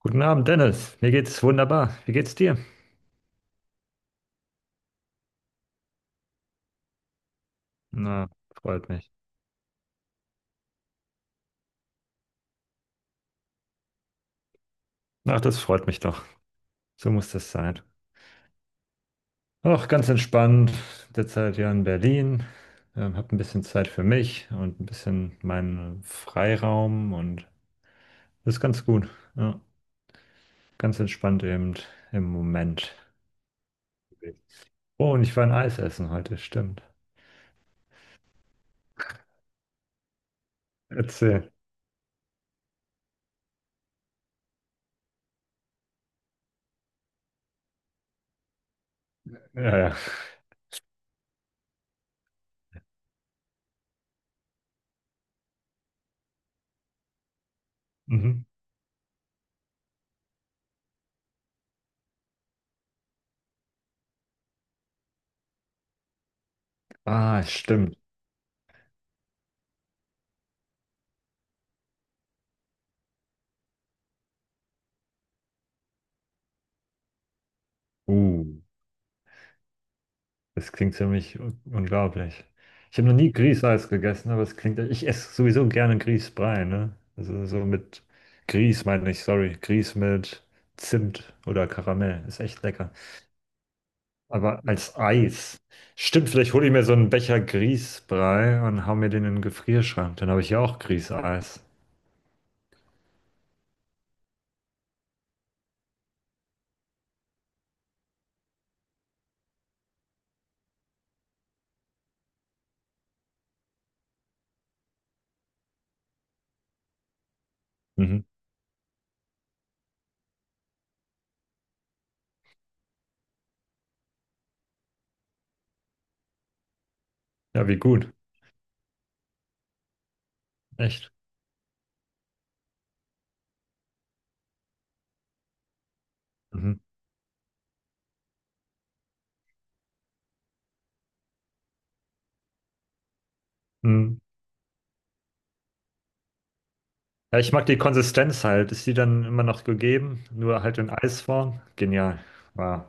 Guten Abend, Dennis. Mir geht's wunderbar. Wie geht's dir? Na, freut mich. Ach, das freut mich doch. So muss das sein. Ach, ganz entspannt. Derzeit ja in Berlin. Hab ein bisschen Zeit für mich und ein bisschen meinen Freiraum und das ist ganz gut. Ja, ganz entspannt eben im Moment. Oh, und ich war ein Eis essen heute, stimmt. Erzähl. Ja, ja. Mhm. Ah, stimmt. Uh. Das klingt ziemlich unglaublich. Ich habe noch nie Grießeis gegessen, aber es klingt, ich esse sowieso gerne Grießbrei, ne? Also so mit Grieß meine ich, sorry, Grieß mit Zimt oder Karamell, ist echt lecker. Aber als Eis. Stimmt, vielleicht hole ich mir so einen Becher Grießbrei und hau mir den in den Gefrierschrank, dann habe ich ja auch Grießeis. Mhm. Ja, wie gut. Echt. Mhm. Mhm. Ja, ich mag die Konsistenz halt. Ist die dann immer noch gegeben? Nur halt in Eisform? Genial. Wow.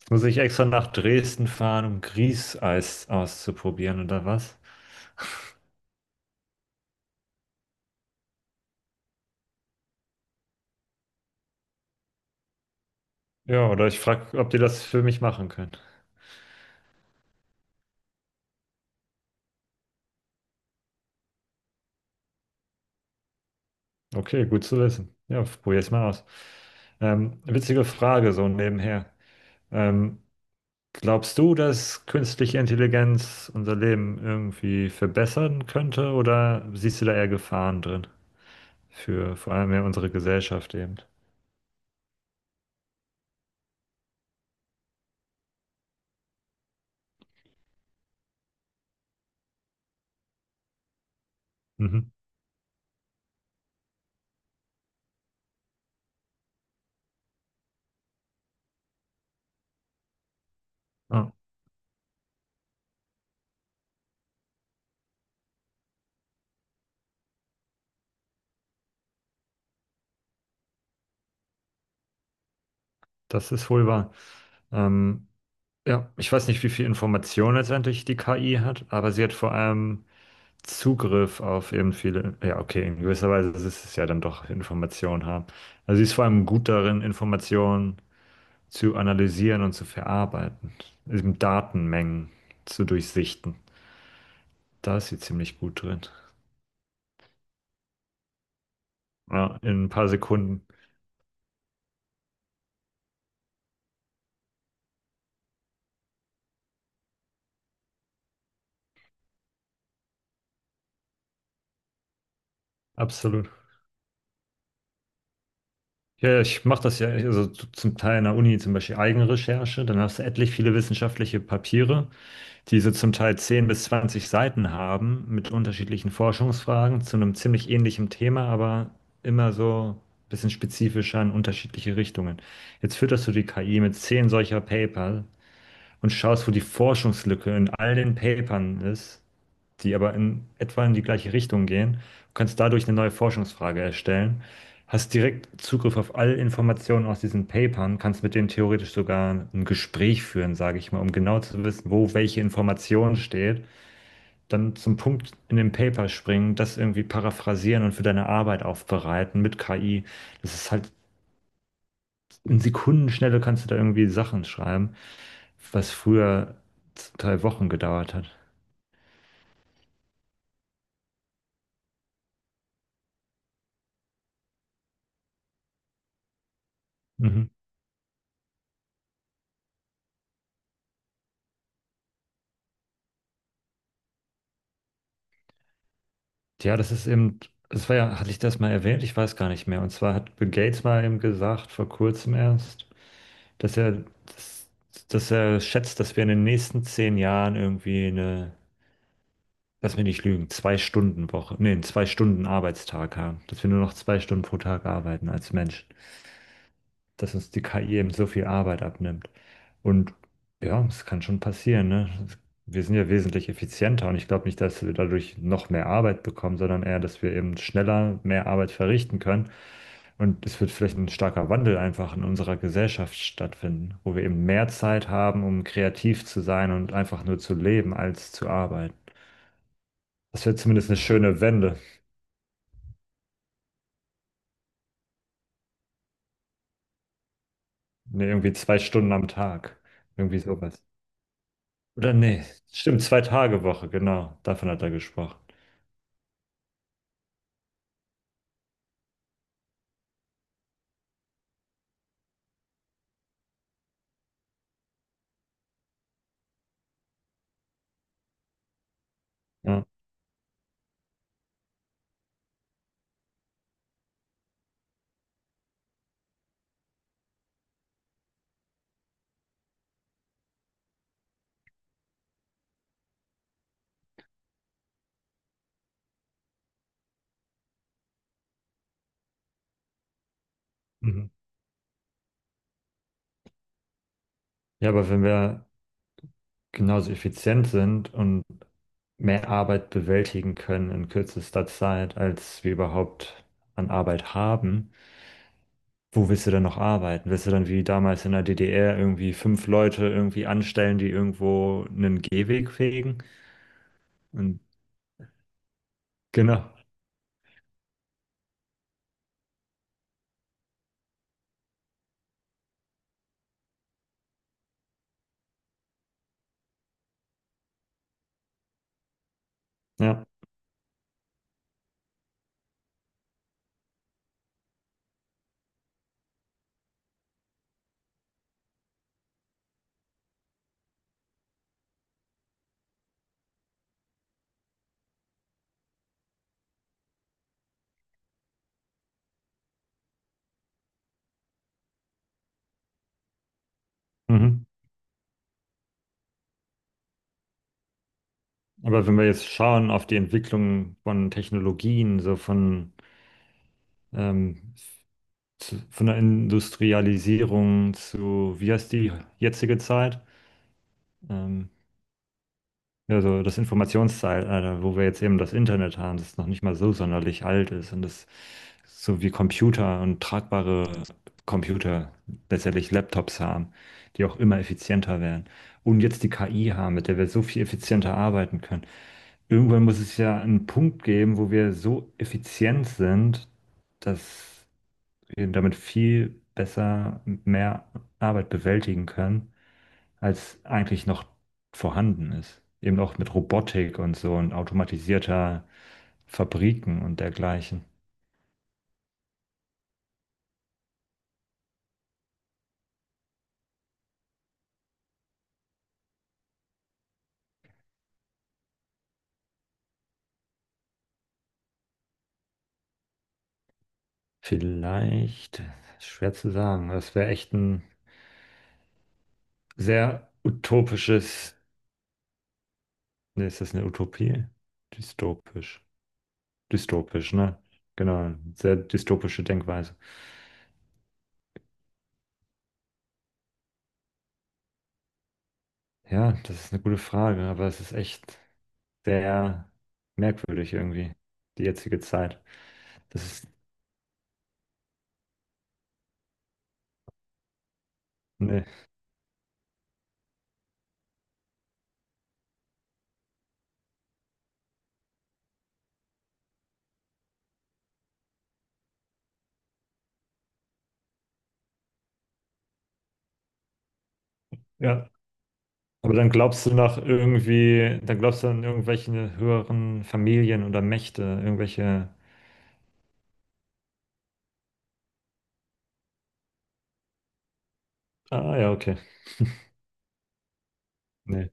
Jetzt muss ich extra nach Dresden fahren, um Grießeis auszuprobieren oder was? Ja, oder ich frage, ob die das für mich machen können. Okay, gut zu wissen. Ja, probier's mal aus. Witzige Frage, so nebenher. Ähm, Glaubst du, dass künstliche Intelligenz unser Leben irgendwie verbessern könnte oder siehst du da eher Gefahren drin? Für vor allem ja unsere Gesellschaft eben. Mhm. Ah, das ist wohl wahr. Ähm, Ja, ich weiß nicht, wie viel Information letztendlich die KI hat, aber sie hat vor allem Zugriff auf eben viele. Ja, okay, in gewisser Weise ist es ja dann doch Information haben. Also sie ist vor allem gut darin, Informationen zu analysieren und zu verarbeiten, eben Datenmengen zu durchsichten. Da ist sie ziemlich gut drin. Ja, in ein paar Sekunden. Absolut. Ja, ja, ich mache das ja, also zum Teil in der Uni zum Beispiel Eigenrecherche, dann hast du etlich viele wissenschaftliche Papiere. Die so zum Teil 10 bis 20 Seiten haben mit unterschiedlichen Forschungsfragen zu einem ziemlich ähnlichen Thema, aber immer so ein bisschen spezifischer in unterschiedliche Richtungen. Jetzt fütterst du die KI mit 10 solcher Paper und schaust, wo die Forschungslücke in all den Papern ist, die aber in etwa in die gleiche Richtung gehen, und kannst dadurch eine neue Forschungsfrage erstellen. Hast direkt Zugriff auf alle Informationen aus diesen Papern, kannst mit denen theoretisch sogar ein Gespräch führen, sage ich mal, um genau zu wissen, wo welche Information steht. Dann zum Punkt in dem Paper springen, das irgendwie paraphrasieren und für deine Arbeit aufbereiten mit KI. Das ist halt, in Sekundenschnelle kannst du da irgendwie Sachen schreiben, was früher 2 Wochen gedauert hat. Mhm. Ja, das ist eben, das war ja, hatte ich das mal erwähnt? Ich weiß gar nicht mehr. Und zwar hat Bill Gates mal eben gesagt, vor kurzem erst, dass er, dass, dass er schätzt, dass wir in den nächsten 10 Jahren irgendwie eine, lass mich nicht lügen, 2 Stunden Woche, nee, einen 2 Stunden Arbeitstag haben. Dass wir nur noch 2 Stunden pro Tag arbeiten als Mensch, dass uns die KI eben so viel Arbeit abnimmt. Und ja, es kann schon passieren, ne? Wir sind ja wesentlich effizienter und ich glaube nicht, dass wir dadurch noch mehr Arbeit bekommen, sondern eher, dass wir eben schneller mehr Arbeit verrichten können. Und es wird vielleicht ein starker Wandel einfach in unserer Gesellschaft stattfinden, wo wir eben mehr Zeit haben, um kreativ zu sein und einfach nur zu leben, als zu arbeiten. Das wäre zumindest eine schöne Wende. Ne, irgendwie 2 Stunden am Tag. Irgendwie sowas. Oder nee, stimmt, 2 Tage Woche, genau, davon hat er gesprochen. Ja. Mhm. Ja, aber wenn wir genauso effizient sind und mehr Arbeit bewältigen können in kürzester Zeit, als wir überhaupt an Arbeit haben, wo willst du dann noch arbeiten? Willst du dann wie damals in der DDR irgendwie fünf Leute irgendwie anstellen, die irgendwo einen Gehweg fegen? Und genau, ja. Mhm. Aber wenn wir jetzt schauen auf die Entwicklung von Technologien, so von ähm, zu, von der Industrialisierung zu, wie heißt die jetzige Zeit? Ähm, ja, so das Informationszeitalter, wo wir jetzt eben das Internet haben, das noch nicht mal so sonderlich alt ist und das so wie Computer und tragbare Computer, letztendlich Laptops haben, die auch immer effizienter werden. Und jetzt die KI haben, mit der wir so viel effizienter arbeiten können. Irgendwann muss es ja einen Punkt geben, wo wir so effizient sind, dass damit viel besser mehr Arbeit bewältigen können, als eigentlich noch vorhanden ist. Eben auch mit Robotik und so und automatisierter Fabriken und dergleichen. Vielleicht, schwer zu sagen, das wäre echt ein sehr utopisches, ne, ist das eine Utopie? Dystopisch. Dystopisch, ne? Genau, sehr dystopische Denkweise. Ja, das ist eine gute Frage, aber es ist echt sehr merkwürdig irgendwie, die jetzige Zeit. Das ist, nee. Ja. Aber dann glaubst du nach irgendwie, dann glaubst du an irgendwelche höheren Familien oder Mächte, irgendwelche. Ah ja, okay. Nee.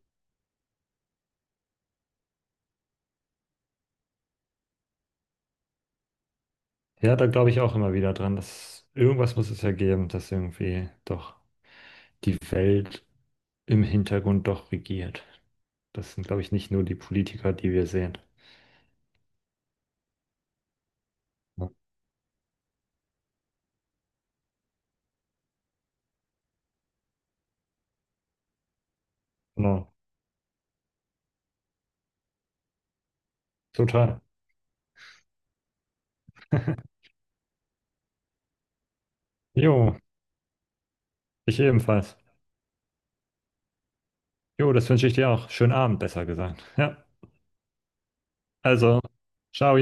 Ja, da glaube ich auch immer wieder dran, dass irgendwas muss es ja geben, dass irgendwie doch die Welt im Hintergrund doch regiert. Das sind, glaube ich, nicht nur die Politiker, die wir sehen. Ja. Genau. Total. Jo, ich ebenfalls. Jo, das wünsche ich dir auch. Schönen Abend, besser gesagt. Ja, also, ciao.